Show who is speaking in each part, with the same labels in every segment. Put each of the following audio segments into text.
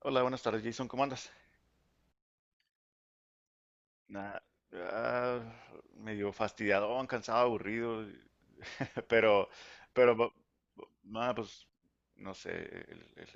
Speaker 1: Hola, buenas tardes, Jason. ¿Cómo andas? Nada, ah, medio fastidiado, cansado, aburrido. Pero, pero, nada, pues, no sé,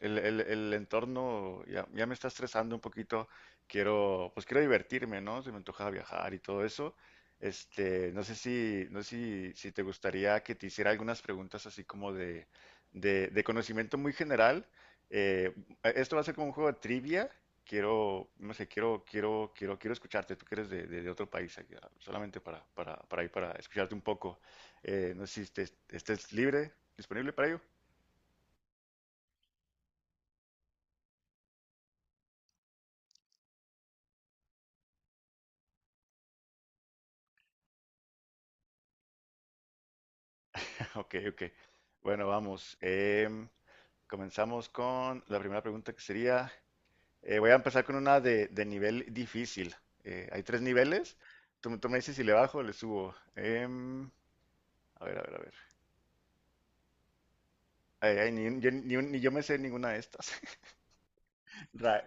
Speaker 1: el entorno ya me está estresando un poquito. Quiero, pues quiero divertirme, ¿no? Se me antoja viajar y todo eso. No sé si te gustaría que te hiciera algunas preguntas así como de conocimiento muy general. Eh, Esto va a ser como un juego de trivia. Quiero, no sé, quiero escucharte. Tú que eres de, de otro país, aquí, solamente para escucharte un poco. No sé si este es libre, disponible para ello. Ok, ok. Bueno, vamos. Comenzamos con la primera pregunta que sería, voy a empezar con una de nivel difícil. Hay tres niveles. Tú me dices si le bajo o le subo. A ver, a ver, a ver. Ay, ay, ni yo me sé ninguna de estas. Ra-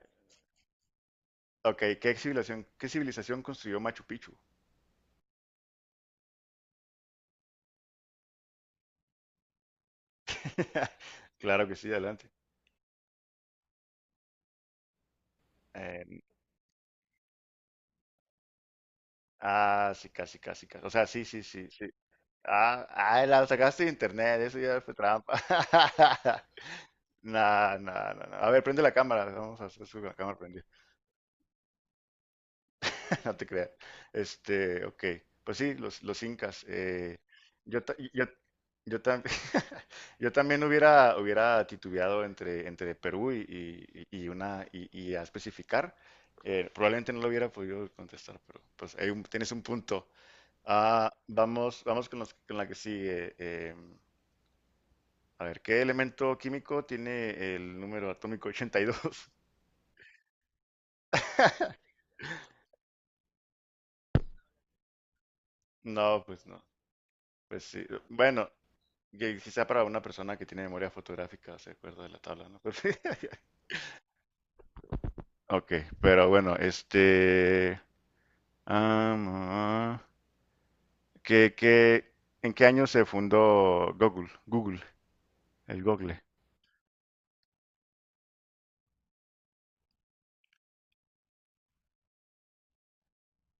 Speaker 1: Ok, ¿qué civilización construyó Machu Picchu? Claro que sí, adelante. Em, sí, casi, casi, casi. O sea, sí, sí, sí, sí. Ah, ah, la sacaste de internet, eso ya fue trampa. Nah, nah, nah, nah. A ver, prende la cámara, vamos a hacer eso con la cámara prendida, no te creas. Ok, pues sí, los incas. Yo, ta- yo, yo yo también hubiera titubeado entre Perú y a especificar. Probablemente no lo hubiera podido contestar, pero pues tienes un punto. Ah, vamos, vamos con, con la que sigue. A ver, ¿qué elemento químico tiene el número atómico 82? No, pues no. Pues sí. Bueno, que quizá para una persona que tiene memoria fotográfica se acuerda de la tabla, ¿no? Pero sí. Ok, pero bueno, am, ah, ¿qué- qué- en qué año se fundó Google? Google, el Google.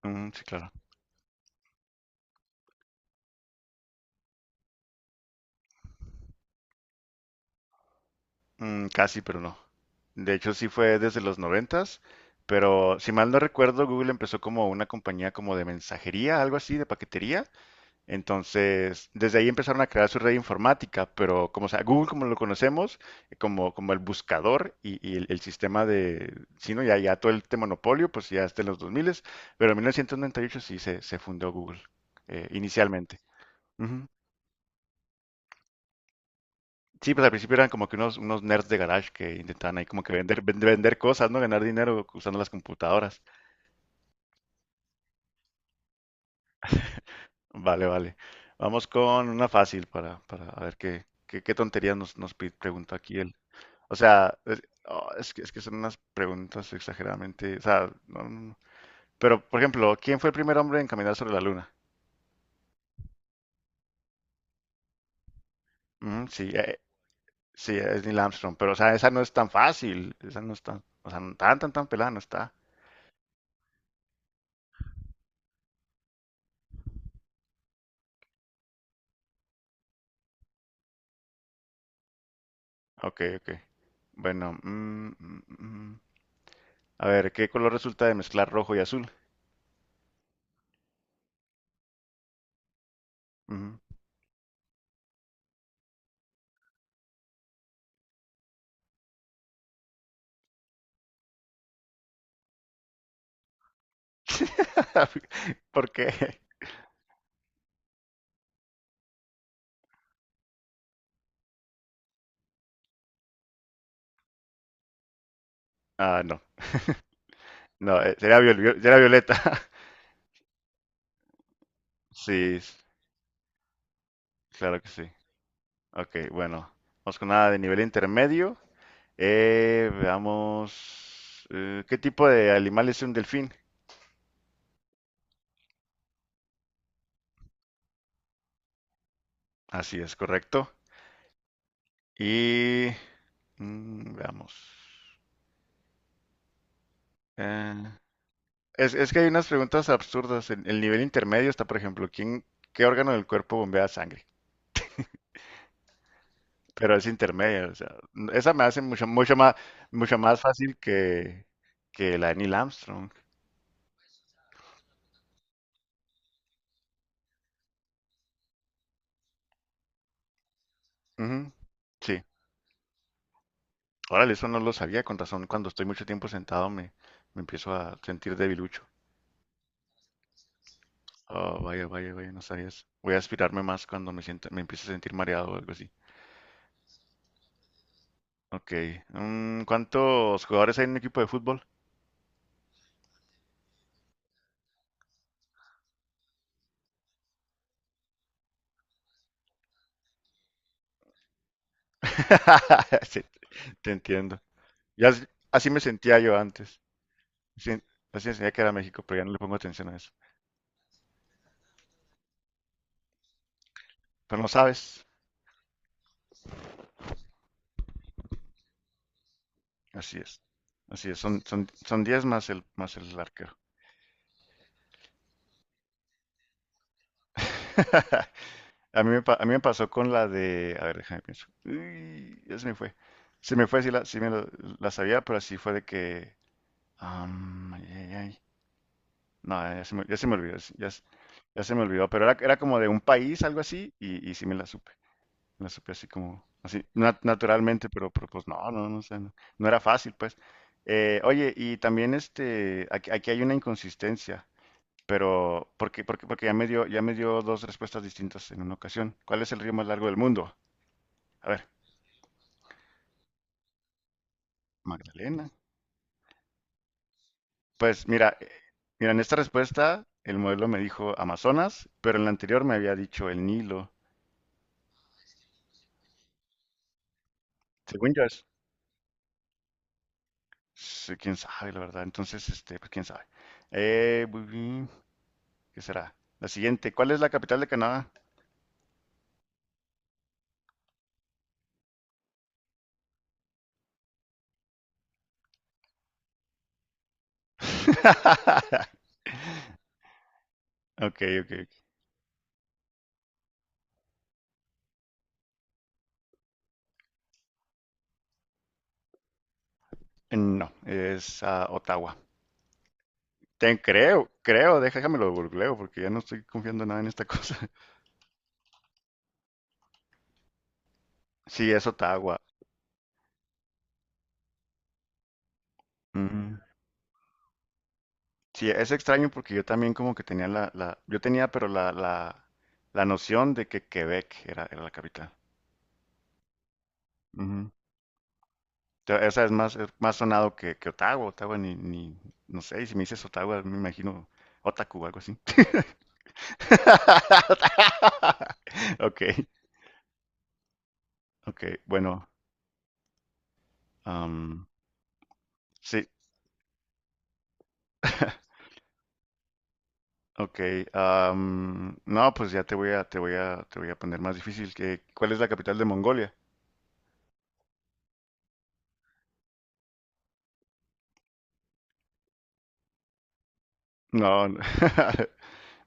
Speaker 1: Mm, sí, claro. Mm, casi, pero no. De hecho, sí fue desde los noventas, pero si mal no recuerdo, Google empezó como una compañía como de mensajería, algo así, de paquetería. Entonces, desde ahí empezaron a crear su red informática, pero como sea, Google como lo conocemos, como el buscador y el sistema de, sí, ¿no? Ya todo este monopolio, pues ya está en los 2000, pero en 1998 sí se fundó Google, inicialmente. Ujú. Sí, pues al principio eran como que unos nerds de garage que intentaban ahí como que vender cosas, ¿no? Ganar dinero usando las computadoras. Vale, vale. Vamos con una fácil para, a ver qué tonterías nos preguntó aquí. O sea, es que son unas preguntas exageradamente. O sea, no, no, no. Pero, por ejemplo, ¿quién fue el primer hombre en caminar sobre la luna? Mm, sí, sí, es Neil Armstrong. Pero, o sea, esa no es tan fácil. Esa no es tan. O sea, no tan, tan, tan pelada, no está. Ok, ok. Bueno. A ver, ¿qué color resulta de mezclar rojo y azul? Ujú. ¿Por qué? Ah, no. No, sería, sería violeta. Sí, claro que sí. Ok, bueno. Vamos con nada de nivel intermedio. Veamos. ¿Qué tipo de animal es un delfín? Así es, correcto. Y veamos. Eh, es que hay unas preguntas absurdas. En el nivel intermedio está, por ejemplo, ¿ qué órgano del cuerpo bombea sangre? Pero es intermedio, o sea, esa me hace mucho más fácil que, la de Neil Armstrong. Ujú. Sí. Órale, eso no lo sabía, con razón. Cuando estoy mucho tiempo sentado me empiezo a sentir debilucho. Oh, vaya, vaya, vaya, no sabías. Voy a aspirarme más cuando me sienta, me empiece a sentir mareado o algo así. Ok. ¿Cuántos jugadores hay en un equipo de fútbol? Sí, te entiendo. Ya así me sentía yo antes. Sí, así me sentía que era México, pero ya no le pongo atención a eso. Pero no sabes. Así es. Así es. Son 10 más el arquero. A mí me pasó con la de. A ver, déjame pienso. Uy, ya se me fue. Se me fue, sí, la, sí me lo- la sabía, pero así fue de que. Ay, ay, ay. No, ya se me olvidó. Ya se me olvidó. Pero era como de un país, algo así, y sí me la supe. Me la supe así como, así, naturalmente, pero, pues no sé, no era fácil, pues. Oye, y también aquí hay una inconsistencia, pero porque ya me dio dos respuestas distintas en una ocasión. ¿Cuál es el río más largo del mundo? A ver, Magdalena. Pues mira, en esta respuesta el modelo me dijo Amazonas, pero en la anterior me había dicho el Nilo. Según yo sí, quién sabe, la verdad. Entonces, pues quién sabe. Eh, bu- bu- ¿Qué será? La siguiente, ¿cuál es la capital de Canadá? Ok, ok. Ok. No, es Ottawa. Te creo, déjamelo googleo porque ya no estoy confiando nada en esta cosa. Sí, es Ottawa. Sí, es extraño porque yo también como que tenía la, la- yo tenía pero la noción de que Quebec era la capital. Ujú. Esa es más sonado que Ottawa, Ottawa ni, ni, no sé, si me dices Ottawa me imagino Otaku o algo así. Ok, ok, bueno, am, sí, ok, no, pues ya te voy a, poner más difícil ¿cuál es la capital de Mongolia? No,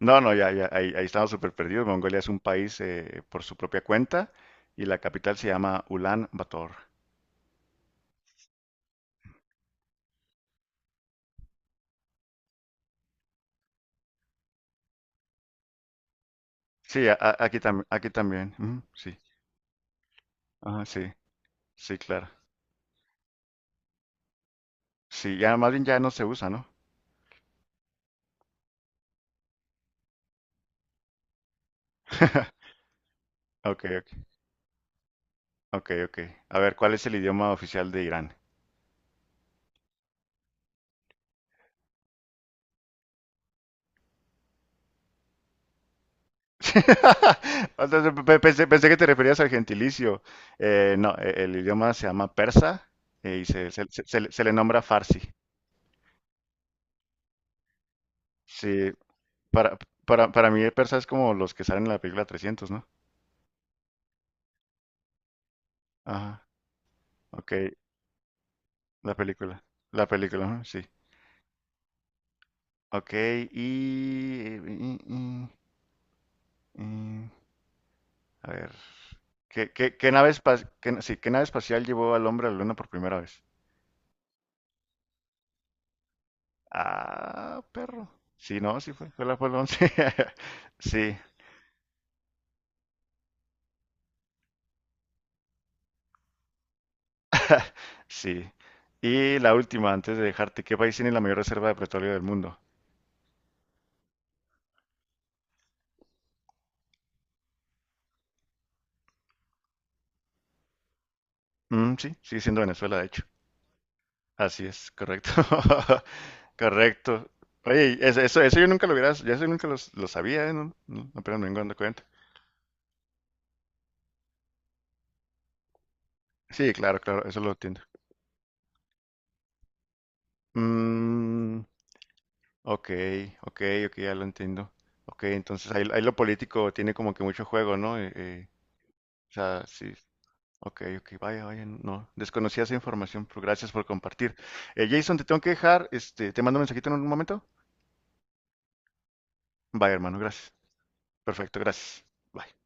Speaker 1: No, no, ya, ya, ahí estamos súper perdidos. Mongolia es un país por su propia cuenta y la capital se llama Ulan Bator. Sí, aquí, también, aquí también. Ujú, sí, ajá, sí, sí, claro. Sí, ya más bien ya no se usa, ¿no? Ok, ok, ok, ok. A ver, ¿cuál es el idioma oficial de Irán? O sea, pensé que te referías al gentilicio. No, el idioma se llama persa, y se le nombra farsi. Sí. Para, para mí, persa es como los que salen en la película 300, ¿no? Ajá, ok, la película. La película, ajá, sí. Ok, y... y- y- y- a ver. ¿Qué nave espacial llevó al hombre a la luna por primera vez? Ah, perro. Sí, no, sí fue la Apolo 11. Sí, sí. Y la última, antes de dejarte, ¿qué país tiene la mayor reserva de petróleo del mundo? Mm, sí, sigue siendo Venezuela, de hecho. Así es, correcto. Correcto. Oye, eso yo nunca lo hubiera, yo eso nunca lo sabía, ¿eh? No, no, apenas me vengo dando cuenta. Sí, claro, claro, eso lo entiendo. Mm, ok, ok, ok, ya lo entiendo. Ok, entonces ahí lo político tiene como que mucho juego, ¿no? O sea, sí. Ok, ok, vaya, vaya, no. Desconocía esa información, pero gracias por compartir. Jason, te tengo que dejar, te mando un mensajito en un momento. Bye, hermano, gracias. Perfecto, gracias. Bye.